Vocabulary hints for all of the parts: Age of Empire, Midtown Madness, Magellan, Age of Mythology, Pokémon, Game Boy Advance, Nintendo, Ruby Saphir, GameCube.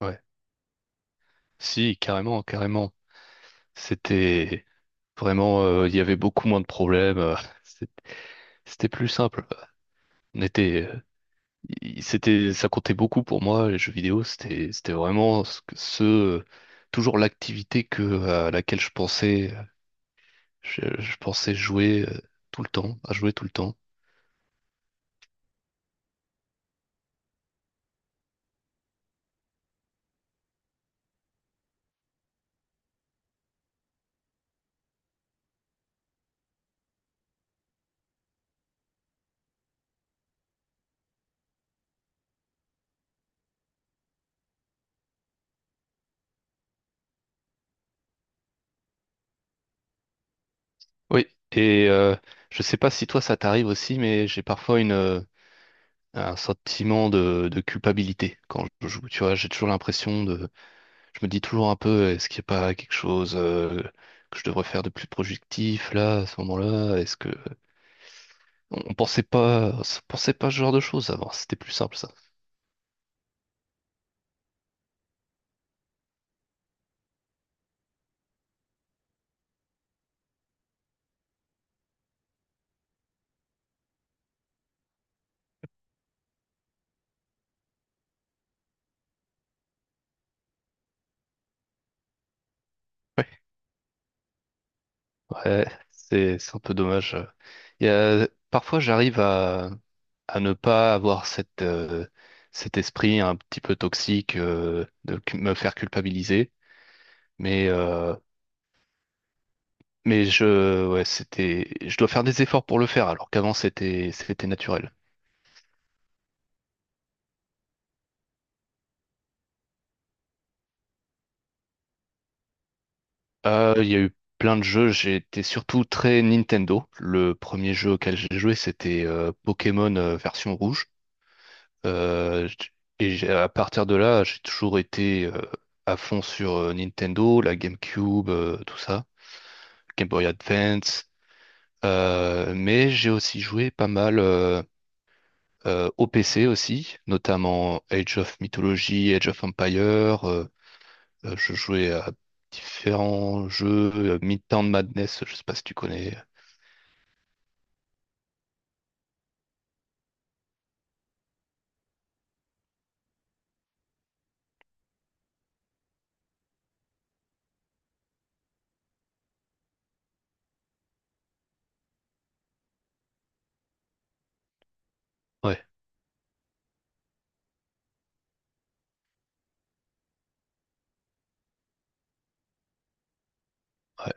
Ouais. Si, carrément, carrément. C'était vraiment, il y avait beaucoup moins de problèmes. C'est- C'était plus simple. On était, il- c'était, ça comptait beaucoup pour moi, les jeux vidéo. C'était vraiment toujours l'activité à laquelle je pensais, je pensais jouer tout le temps, à jouer tout le temps. Oui. Et je sais pas si toi ça t'arrive aussi, mais j'ai parfois un sentiment de culpabilité quand je joue. Tu vois, j'ai toujours l'impression de, je me dis toujours un peu, est-ce qu'il n'y a pas quelque chose que je devrais faire de plus productif là, à ce moment-là? Est-ce que on pensait pas, on pensait pas ce genre de choses avant? C'était plus simple ça. Ouais, c'est un peu dommage. Il y a, parfois, j'arrive à ne pas avoir cet esprit un petit peu toxique euh, me faire culpabiliser. Mais, euh, mais ouais, c'était, je dois faire des efforts pour le faire, alors qu'avant, c'était naturel. Il y a eu plein de jeux. J'étais surtout très Nintendo. Le premier jeu auquel j'ai joué, c'était Pokémon version rouge. Euh, j- à partir de là, j'ai toujours été à fond sur Nintendo, la GameCube, tout ça, Game Boy Advance. Mais j'ai aussi joué pas mal au PC aussi, notamment Age of Mythology, Age of Empire. Je jouais à différents jeux, Midtown Madness, je sais pas si tu connais. Ouais, ouais,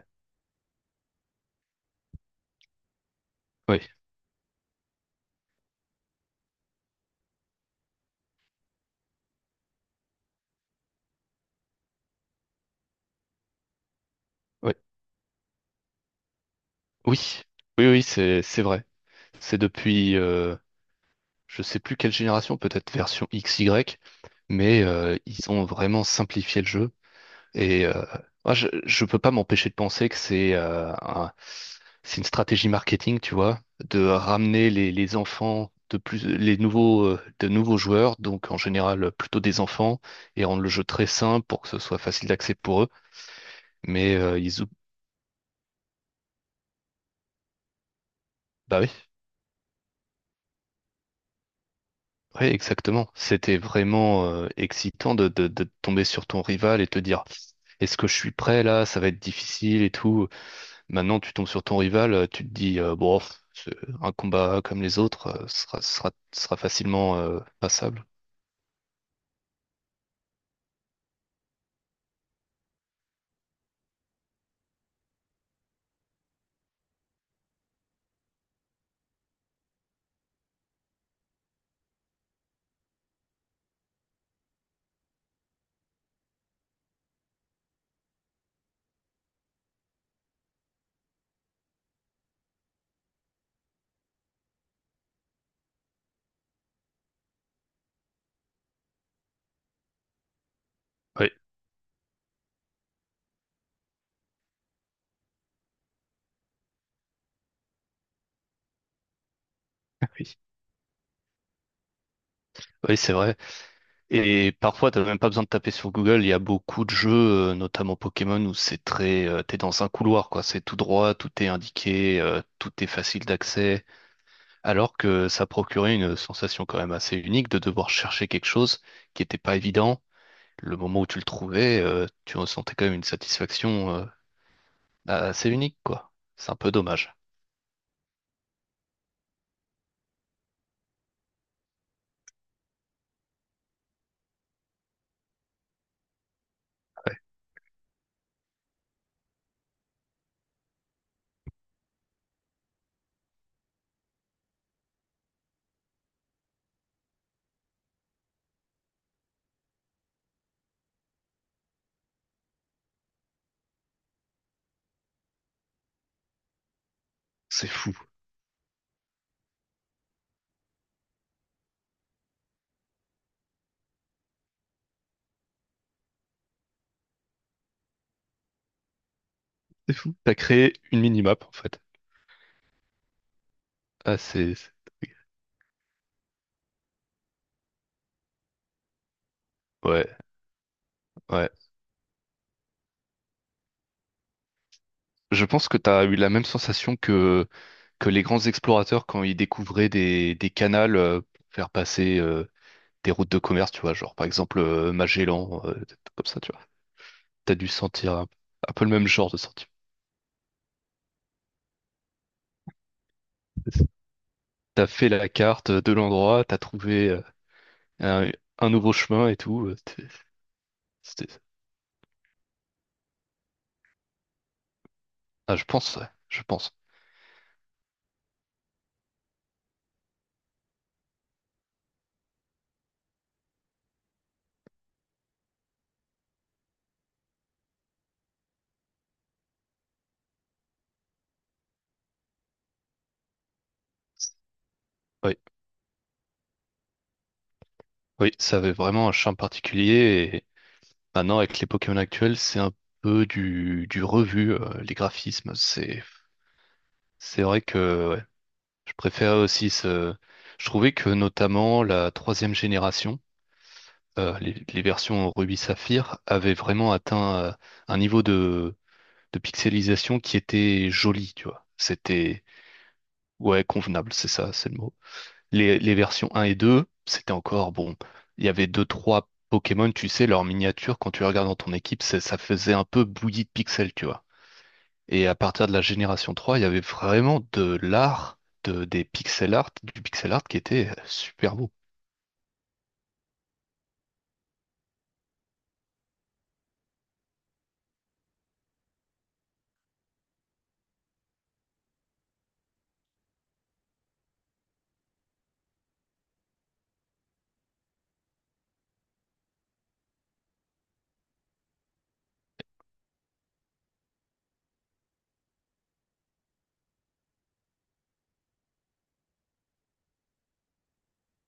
ouais, ouais. Oui, oui, oui, c'est vrai. C'est depuis, je sais plus quelle génération, peut-être version XY, mais ils ont vraiment simplifié le jeu. Et moi, je peux pas m'empêcher de penser que c'est c'est une stratégie marketing, tu vois, de ramener les enfants de plus, les nouveaux, de nouveaux joueurs, donc en général plutôt des enfants, et rendre le jeu très simple pour que ce soit facile d'accès pour eux. Mais euh, ils, ou- Bah oui. Oui, exactement. C'était vraiment excitant de tomber sur ton rival et te dire, est-ce que je suis prêt là? Ça va être difficile et tout. Maintenant, tu tombes sur ton rival, tu te dis, bon, pff, c'est un combat comme les autres euh, sera facilement passable. Oui, oui. Oui, c'est vrai. Et parfois, t'as même pas besoin de taper sur Google. Il y a beaucoup de jeux, notamment Pokémon, où c'est très, t'es dans un couloir, quoi. C'est tout droit, tout est indiqué, tout est facile d'accès. Alors que ça procurait une sensation quand même assez unique de devoir chercher quelque chose qui n'était pas évident. Le moment où tu le trouvais, tu ressentais quand même une satisfaction assez unique, quoi. C'est un peu dommage. C'est fou. T'as créé une minimap, en fait. Ah, c'est... c'est- Ouais, ouais. Je pense que t'as eu la même sensation que les grands explorateurs quand ils découvraient des canals pour faire passer des routes de commerce, tu vois, genre par exemple Magellan, des trucs comme ça, tu vois. T'as dû sentir un peu le même genre de sentiment. T'as fait la carte de l'endroit, t'as trouvé un, un nouveau chemin et tout. C'était, ah, je pense, ouais, je pense. Oui, oui, ça avait vraiment un charme particulier et maintenant avec les Pokémon actuels, c'est un peu du revu, les graphismes. C'est vrai que ouais, je préfère aussi ce. Je trouvais que notamment la troisième génération, les versions Ruby Saphir, avaient vraiment atteint un niveau de pixelisation qui était joli, tu vois. C'était. Ouais, convenable, c'est ça, c'est le mot. Les versions un et 2, c'était encore bon. Il y avait deux, trois Pokémon, tu sais, leurs miniatures, quand tu les regardes dans ton équipe, ça faisait un peu bouillie de pixels, tu vois. Et à partir de la génération 3, il y avait vraiment de l'art, des pixel art, du pixel art qui était super beau.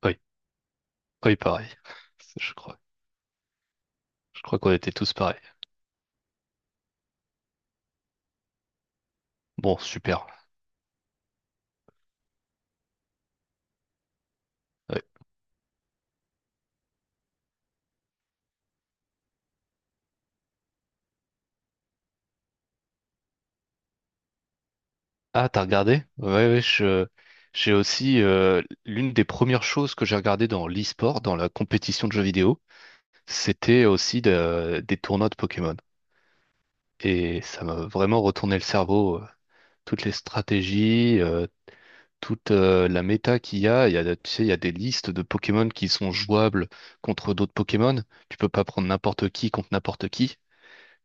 Oui, oui, pareil. Je crois, je crois qu'on était tous pareils. Bon, super. Ouais. Ah, t'as regardé? Ouais, ouais, j'ai aussi l'une des premières choses que j'ai regardé dans l'e-sport, dans la compétition de jeux vidéo. C'était aussi des tournois de Pokémon. Et ça m'a vraiment retourné le cerveau. Toutes les stratégies, toute la méta qu'il y a. Il y a, tu sais, il y a des listes de Pokémon qui sont jouables contre d'autres Pokémon. Tu peux pas prendre n'importe qui contre n'importe qui.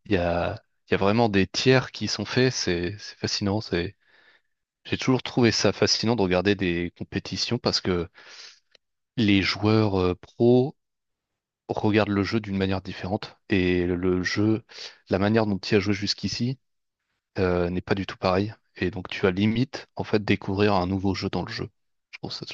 Il y a, il y a vraiment des tiers qui sont faits. C'est fascinant. C'est, j'ai toujours trouvé ça fascinant de regarder des compétitions parce que les joueurs pros regarde le jeu d'une manière différente. Et le jeu, la manière dont tu y as joué jusqu'ici, n'est pas du tout pareil. Et donc tu as limite, en fait, découvrir un nouveau jeu dans le jeu. Je trouve ça.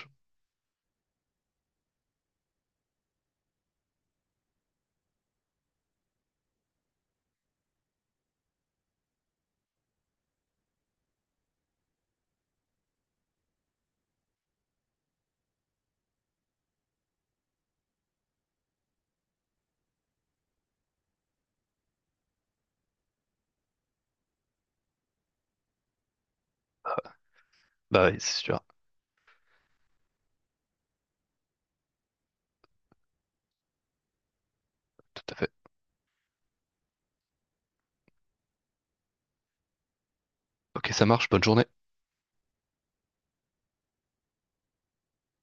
Bah oui, c'est sûr, tout à fait. Ok, ça marche, bonne journée.